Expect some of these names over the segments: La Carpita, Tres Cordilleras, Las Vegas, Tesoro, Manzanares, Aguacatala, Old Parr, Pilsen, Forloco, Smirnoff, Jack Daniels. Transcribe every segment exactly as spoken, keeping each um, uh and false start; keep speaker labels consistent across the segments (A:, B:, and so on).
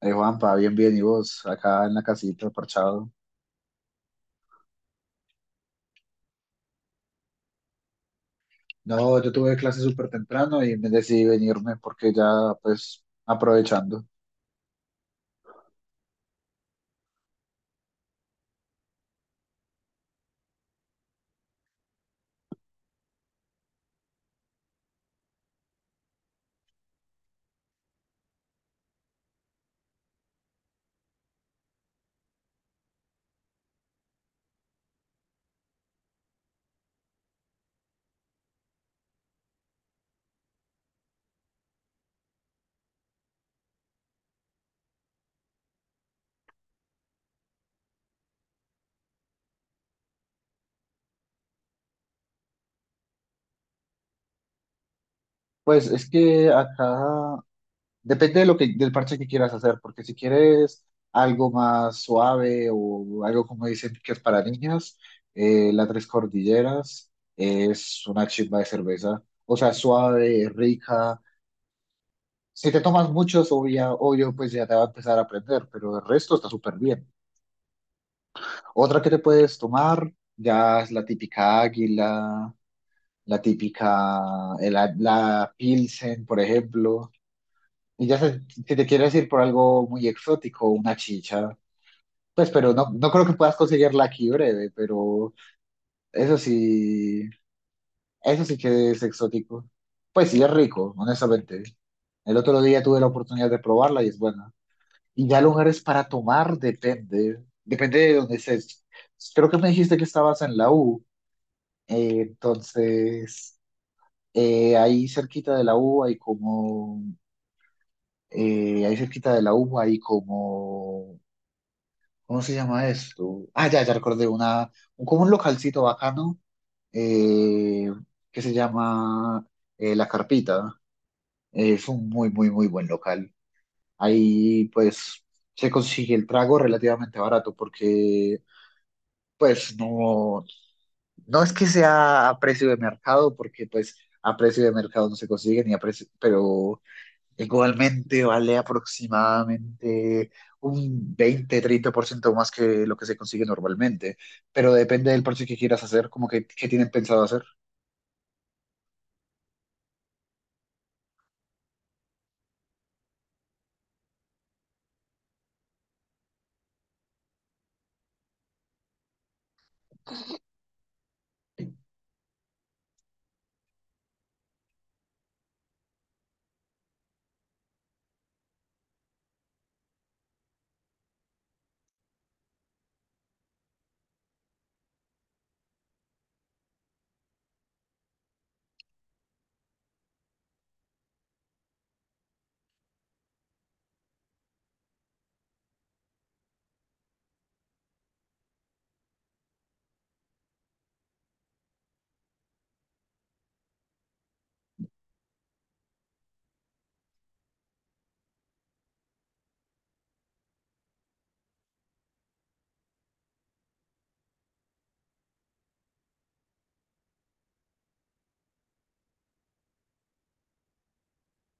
A: Eh, Juanpa, bien, bien, ¿y vos? Acá en la casita, parchado. No, yo tuve clase súper temprano y me decidí venirme porque ya, pues, aprovechando. Pues es que acá depende de lo que, del parche que quieras hacer, porque si quieres algo más suave o algo como dicen que es para niñas, eh, la Tres Cordilleras es una chimba de cerveza. O sea, suave, rica. Si te tomas muchos, obvia, obvio, pues ya te va a empezar a aprender, pero el resto está súper bien. Otra que te puedes tomar ya es la típica águila, la típica, eh, la, la Pilsen, por ejemplo. Y ya se- si si te quieres ir por algo muy exótico, una chicha, pues pero no, no creo que puedas conseguirla aquí breve, pero eso sí, eso sí que es exótico. Pues sí, es rico, honestamente. El otro día tuve la oportunidad de probarla y es buena. Y ya lugares para tomar depende, depende de dónde estés. Creo que me dijiste que estabas en la U. Eh, entonces, eh, ahí cerquita de la U hay como, eh, ahí cerquita de la U hay como, ¿cómo se llama esto? Ah, ya, ya recordé, una, como un localcito bacano eh, que se llama eh, La Carpita. Es un muy, muy, muy buen local. Ahí pues se consigue el trago relativamente barato porque pues no, no es que sea a precio de mercado, porque pues a precio de mercado no se consigue ni a precio, pero igualmente vale aproximadamente un veinte treinta por ciento más que lo que se consigue normalmente, pero depende del precio que quieras hacer, como que, que tienen pensado hacer.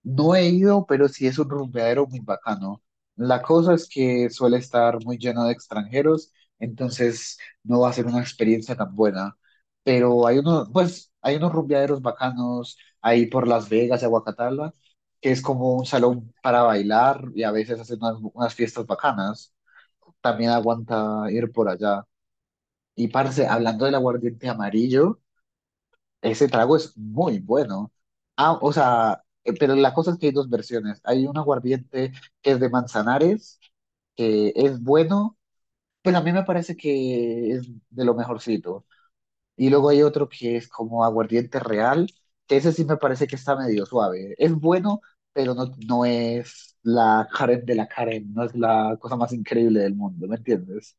A: No he ido, pero sí es un rumbeadero muy bacano. La cosa es que suele estar muy lleno de extranjeros, entonces no va a ser una experiencia tan buena. Pero hay unos, pues, hay unos rumbeaderos bacanos ahí por Las Vegas y Aguacatala, que es como un salón para bailar y a veces hacen unas, unas fiestas bacanas. También aguanta ir por allá. Y parce, hablando del aguardiente amarillo. Ese trago es muy bueno. Ah, o sea, eh, pero la cosa es que hay dos versiones. Hay un aguardiente que es de Manzanares, que es bueno, pues a mí me parece que es de lo mejorcito. Y luego hay otro que es como aguardiente real, que ese sí me parece que está medio suave. Es bueno, pero no, no es la Karen de la Karen, no es la cosa más increíble del mundo, ¿me entiendes?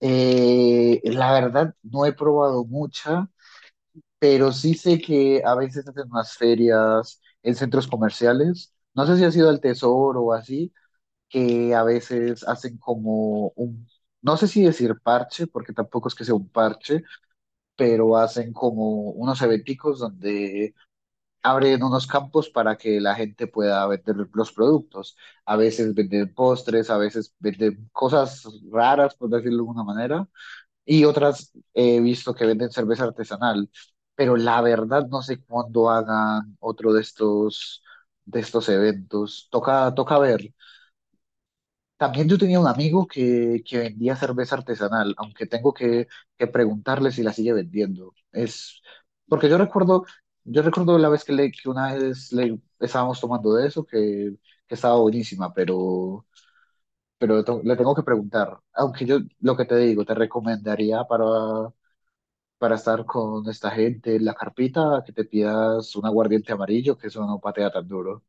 A: Eh, la verdad, no he probado mucha, pero sí sé que a veces hacen unas ferias en centros comerciales. No sé si ha sido al Tesoro o así, que a veces hacen como un, no sé si decir parche, porque tampoco es que sea un parche, pero hacen como unos eventicos donde abren unos campos para que la gente pueda vender los productos. A veces venden postres, a veces venden cosas raras, por decirlo de alguna manera, y otras eh, he visto que venden cerveza artesanal, pero la verdad no sé cuándo hagan otro de estos, de estos eventos. Toca, toca ver. También yo tenía un amigo que, que vendía cerveza artesanal, aunque tengo que, que preguntarle si la sigue vendiendo. Es porque yo recuerdo, yo recuerdo la vez que, le, que una vez le estábamos tomando de eso, que, que estaba buenísima, pero, pero le tengo que preguntar. Aunque yo lo que te digo, te recomendaría para para estar con esta gente en la carpita, que te pidas un aguardiente amarillo, que eso no patea tan duro.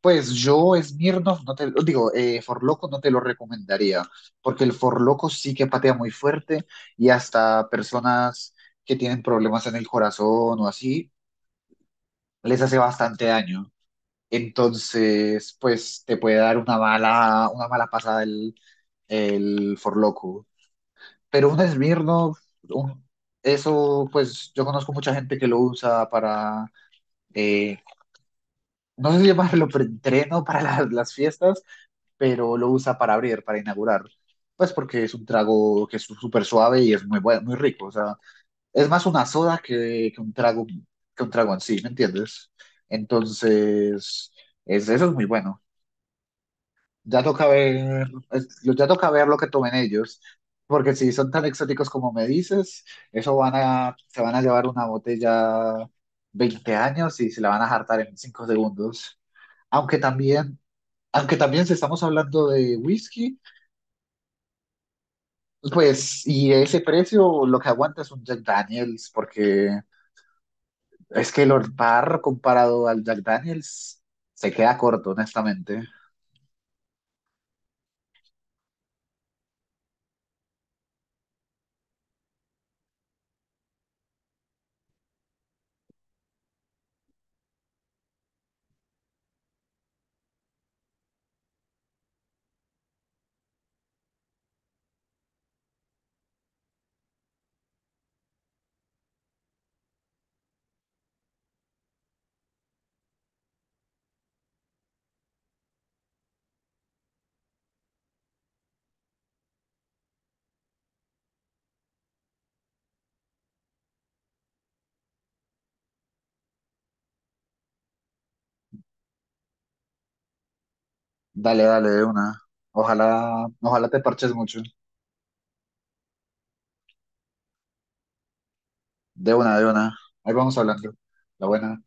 A: Pues yo, Smirnoff, no te lo digo, eh, Forloco no te lo recomendaría, porque el Forloco sí que patea muy fuerte y hasta personas que tienen problemas en el corazón o así, les hace bastante daño. Entonces, pues te puede dar una mala, una mala pasada el, el Forloco. Pero un Smirnoff, un- eso pues yo conozco mucha gente que lo usa para, eh, no sé si llamarlo preentreno para la- las fiestas, pero lo usa para abrir, para inaugurar. Pues porque es un trago que es súper suave y es muy bueno, muy rico. O sea, es más una soda que, que un trago, que un trago en sí, ¿me entiendes? Entonces, es, eso es muy bueno. Ya toca ver, es- ya toca ver lo que tomen ellos, porque si son tan exóticos como me dices, eso van a, se van a llevar una botella veinte años y se la van a hartar en cinco segundos. Aunque también, aunque también si estamos hablando de whisky, pues, y ese precio, lo que aguanta es un Jack Daniels, porque es que el Old Parr comparado al Jack Daniels se queda corto, honestamente. Dale, dale, de una. Ojalá, ojalá te parches mucho. De una, de una. Ahí vamos hablando. La buena.